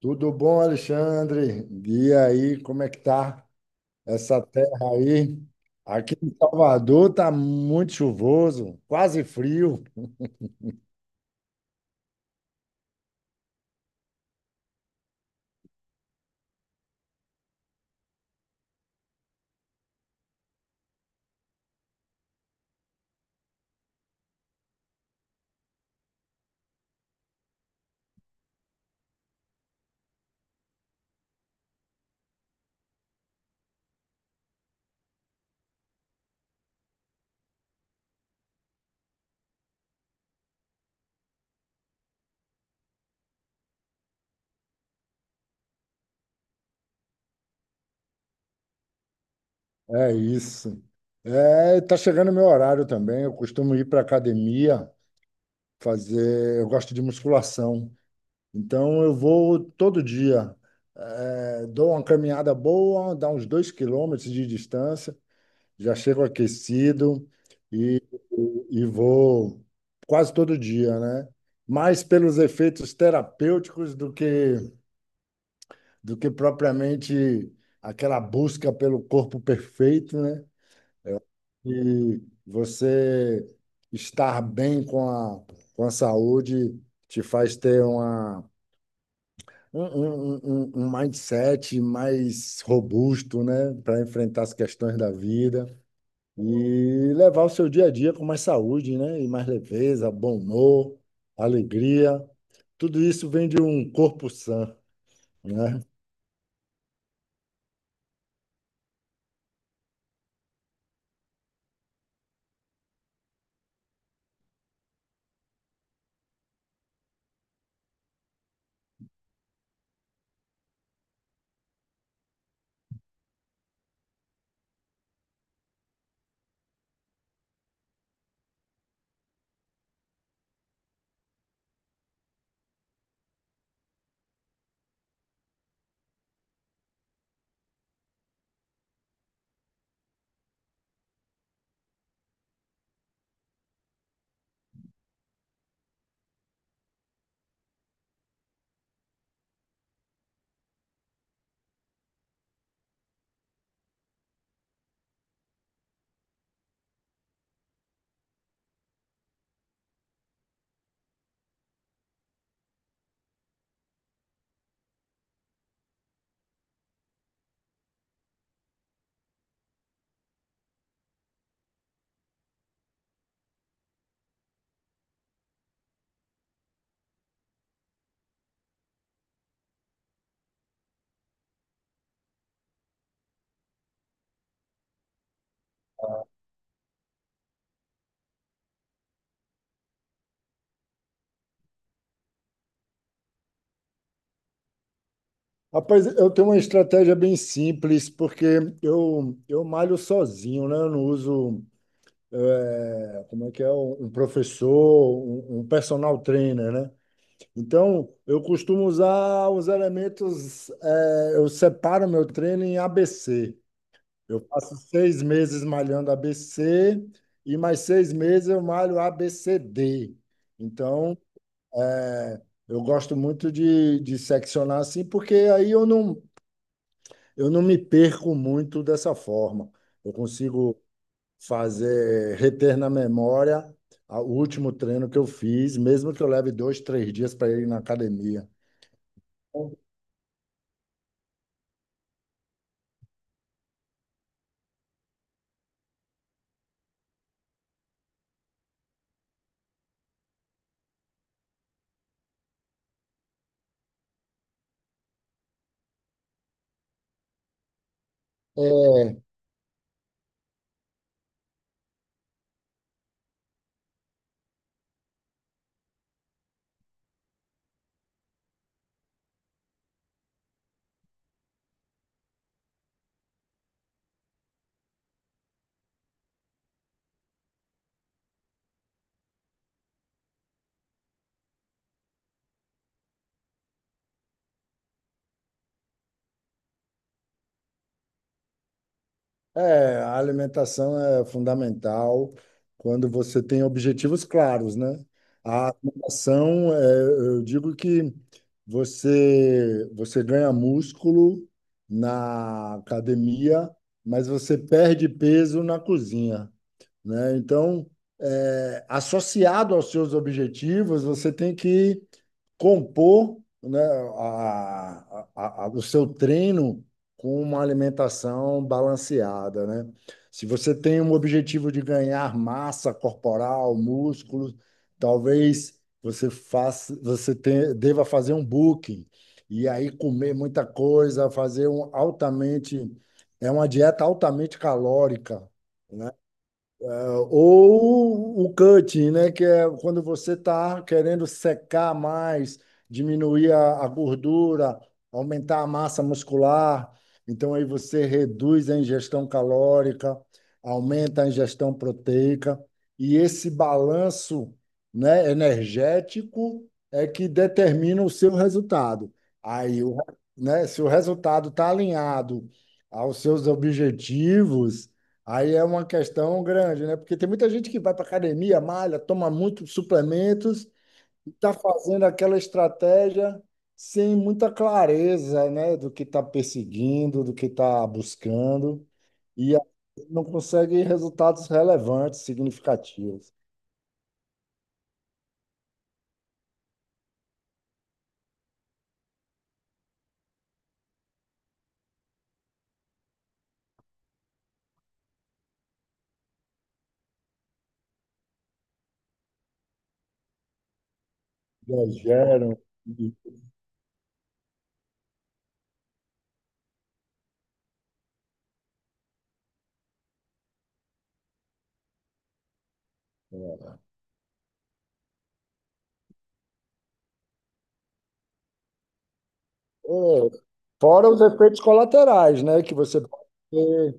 Tudo bom, Alexandre? E aí, como é que tá essa terra aí? Aqui em Salvador tá muito chuvoso, quase frio. É isso. É, tá chegando meu horário também. Eu costumo ir para academia fazer. Eu gosto de musculação, então eu vou todo dia. É, dou uma caminhada boa, dá uns 2 quilômetros de distância. Já chego aquecido e, e vou quase todo dia, né? Mais pelos efeitos terapêuticos do que propriamente aquela busca pelo corpo perfeito, né? E você estar bem com a saúde te faz ter uma, um, um, um um mindset mais robusto, né? Para enfrentar as questões da vida. E levar o seu dia a dia com mais saúde, né? E mais leveza, bom humor, alegria. Tudo isso vem de um corpo sã, né? Rapaz, eu tenho uma estratégia bem simples, porque eu malho sozinho, né? Eu não uso, como é que é, um professor, um personal trainer, né? Então, eu costumo usar os elementos, eu separo meu treino em ABC. Eu passo 6 meses malhando ABC e mais 6 meses eu malho ABCD. Então, é, eu gosto muito de seccionar assim, porque aí eu não me perco muito dessa forma. Eu consigo fazer, reter na memória o último treino que eu fiz, mesmo que eu leve dois, três dias para ir na academia. É, é, a alimentação é fundamental quando você tem objetivos claros, né? A alimentação, eu digo que você ganha músculo na academia, mas você perde peso na cozinha, né? Então, associado aos seus objetivos, você tem que compor, né, o seu treino com uma alimentação balanceada, né? Se você tem um objetivo de ganhar massa corporal, músculos, talvez você faça, deva fazer um booking e aí comer muita coisa, é uma dieta altamente calórica, né? É, ou o cutting, né? Que é quando você está querendo secar mais, diminuir a gordura, aumentar a massa muscular. Então, aí você reduz a ingestão calórica, aumenta a ingestão proteica. E esse balanço, né, energético é que determina o seu resultado. Aí, se o resultado está alinhado aos seus objetivos. Aí é uma questão grande, né? Porque tem muita gente que vai para academia, malha, toma muitos suplementos e está fazendo aquela estratégia sem muita clareza, né? Do que está perseguindo, do que está buscando e não consegue resultados relevantes, significativos. Exageram. E, é, fora os efeitos colaterais, né? Que você pode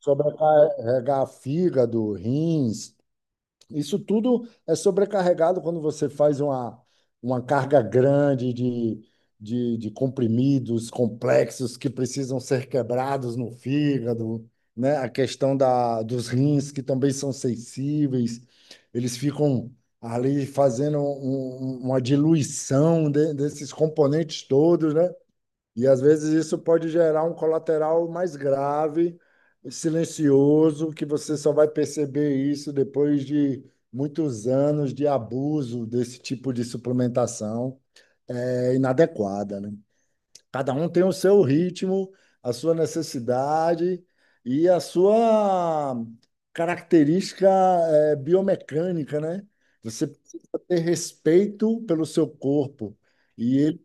sobrecarregar fígado, rins. Isso tudo é sobrecarregado quando você faz uma carga grande de comprimidos complexos que precisam ser quebrados no fígado, né? A questão dos rins, que também são sensíveis, eles ficam ali fazendo uma diluição desses componentes todos, né? E às vezes isso pode gerar um colateral mais grave, silencioso, que você só vai perceber isso depois de muitos anos de abuso desse tipo de suplementação inadequada, né? Cada um tem o seu ritmo, a sua necessidade e a sua característica biomecânica, né? Você precisa ter respeito pelo seu corpo e ele.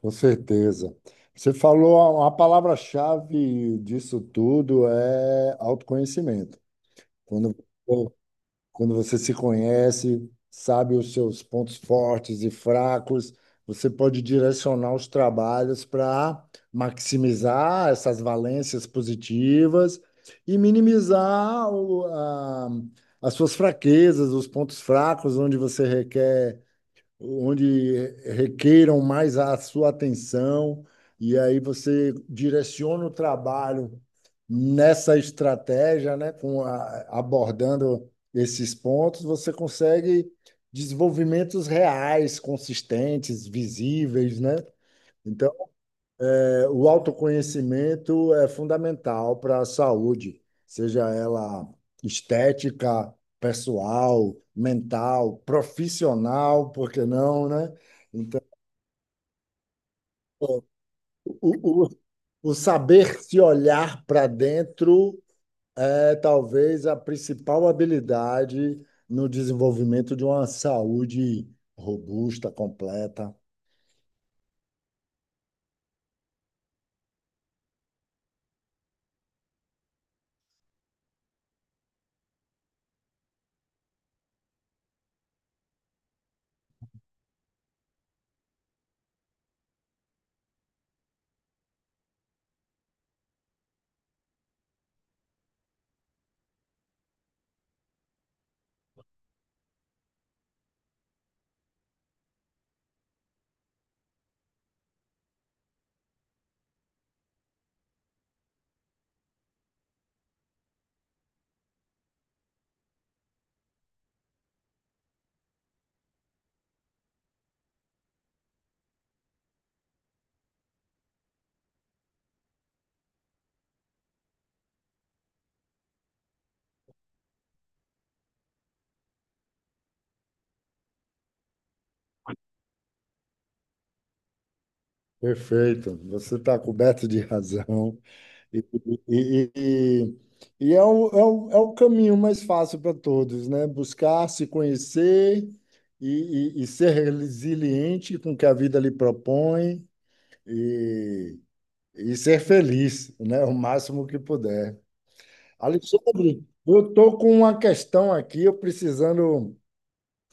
Com certeza. Você falou, a palavra-chave disso tudo é autoconhecimento. Quando, quando você se conhece, sabe os seus pontos fortes e fracos, você pode direcionar os trabalhos para maximizar essas valências positivas e minimizar as suas fraquezas, os pontos fracos onde você requer onde requeiram mais a sua atenção, e aí você direciona o trabalho nessa estratégia, né, abordando esses pontos, você consegue desenvolvimentos reais, consistentes, visíveis, né? Então, o autoconhecimento é fundamental para a saúde, seja ela estética, pessoal, mental, profissional, por que não, né? Então, o, o, o saber se olhar para dentro é talvez a principal habilidade no desenvolvimento de uma saúde robusta, completa. Perfeito, você está coberto de razão. E, e- e- e é o, é o, é o caminho mais fácil para todos, né? Buscar se conhecer e ser resiliente com o que a vida lhe propõe e, e ser feliz, né? O máximo que puder. Alexandre, eu estou com uma questão aqui,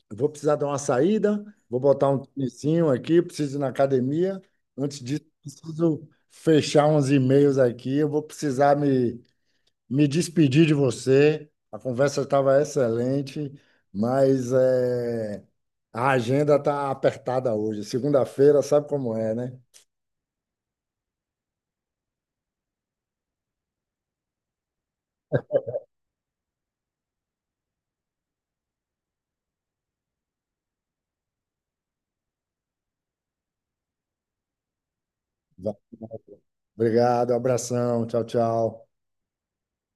eu vou precisar dar uma saída, vou botar um tênisinho aqui, preciso ir na academia. Antes disso, preciso fechar uns e-mails aqui, eu vou precisar me despedi de você. A conversa estava excelente, mas a agenda está apertada hoje. Segunda-feira, sabe como é, né? Va- Obrigado, abração, tchau, tchau.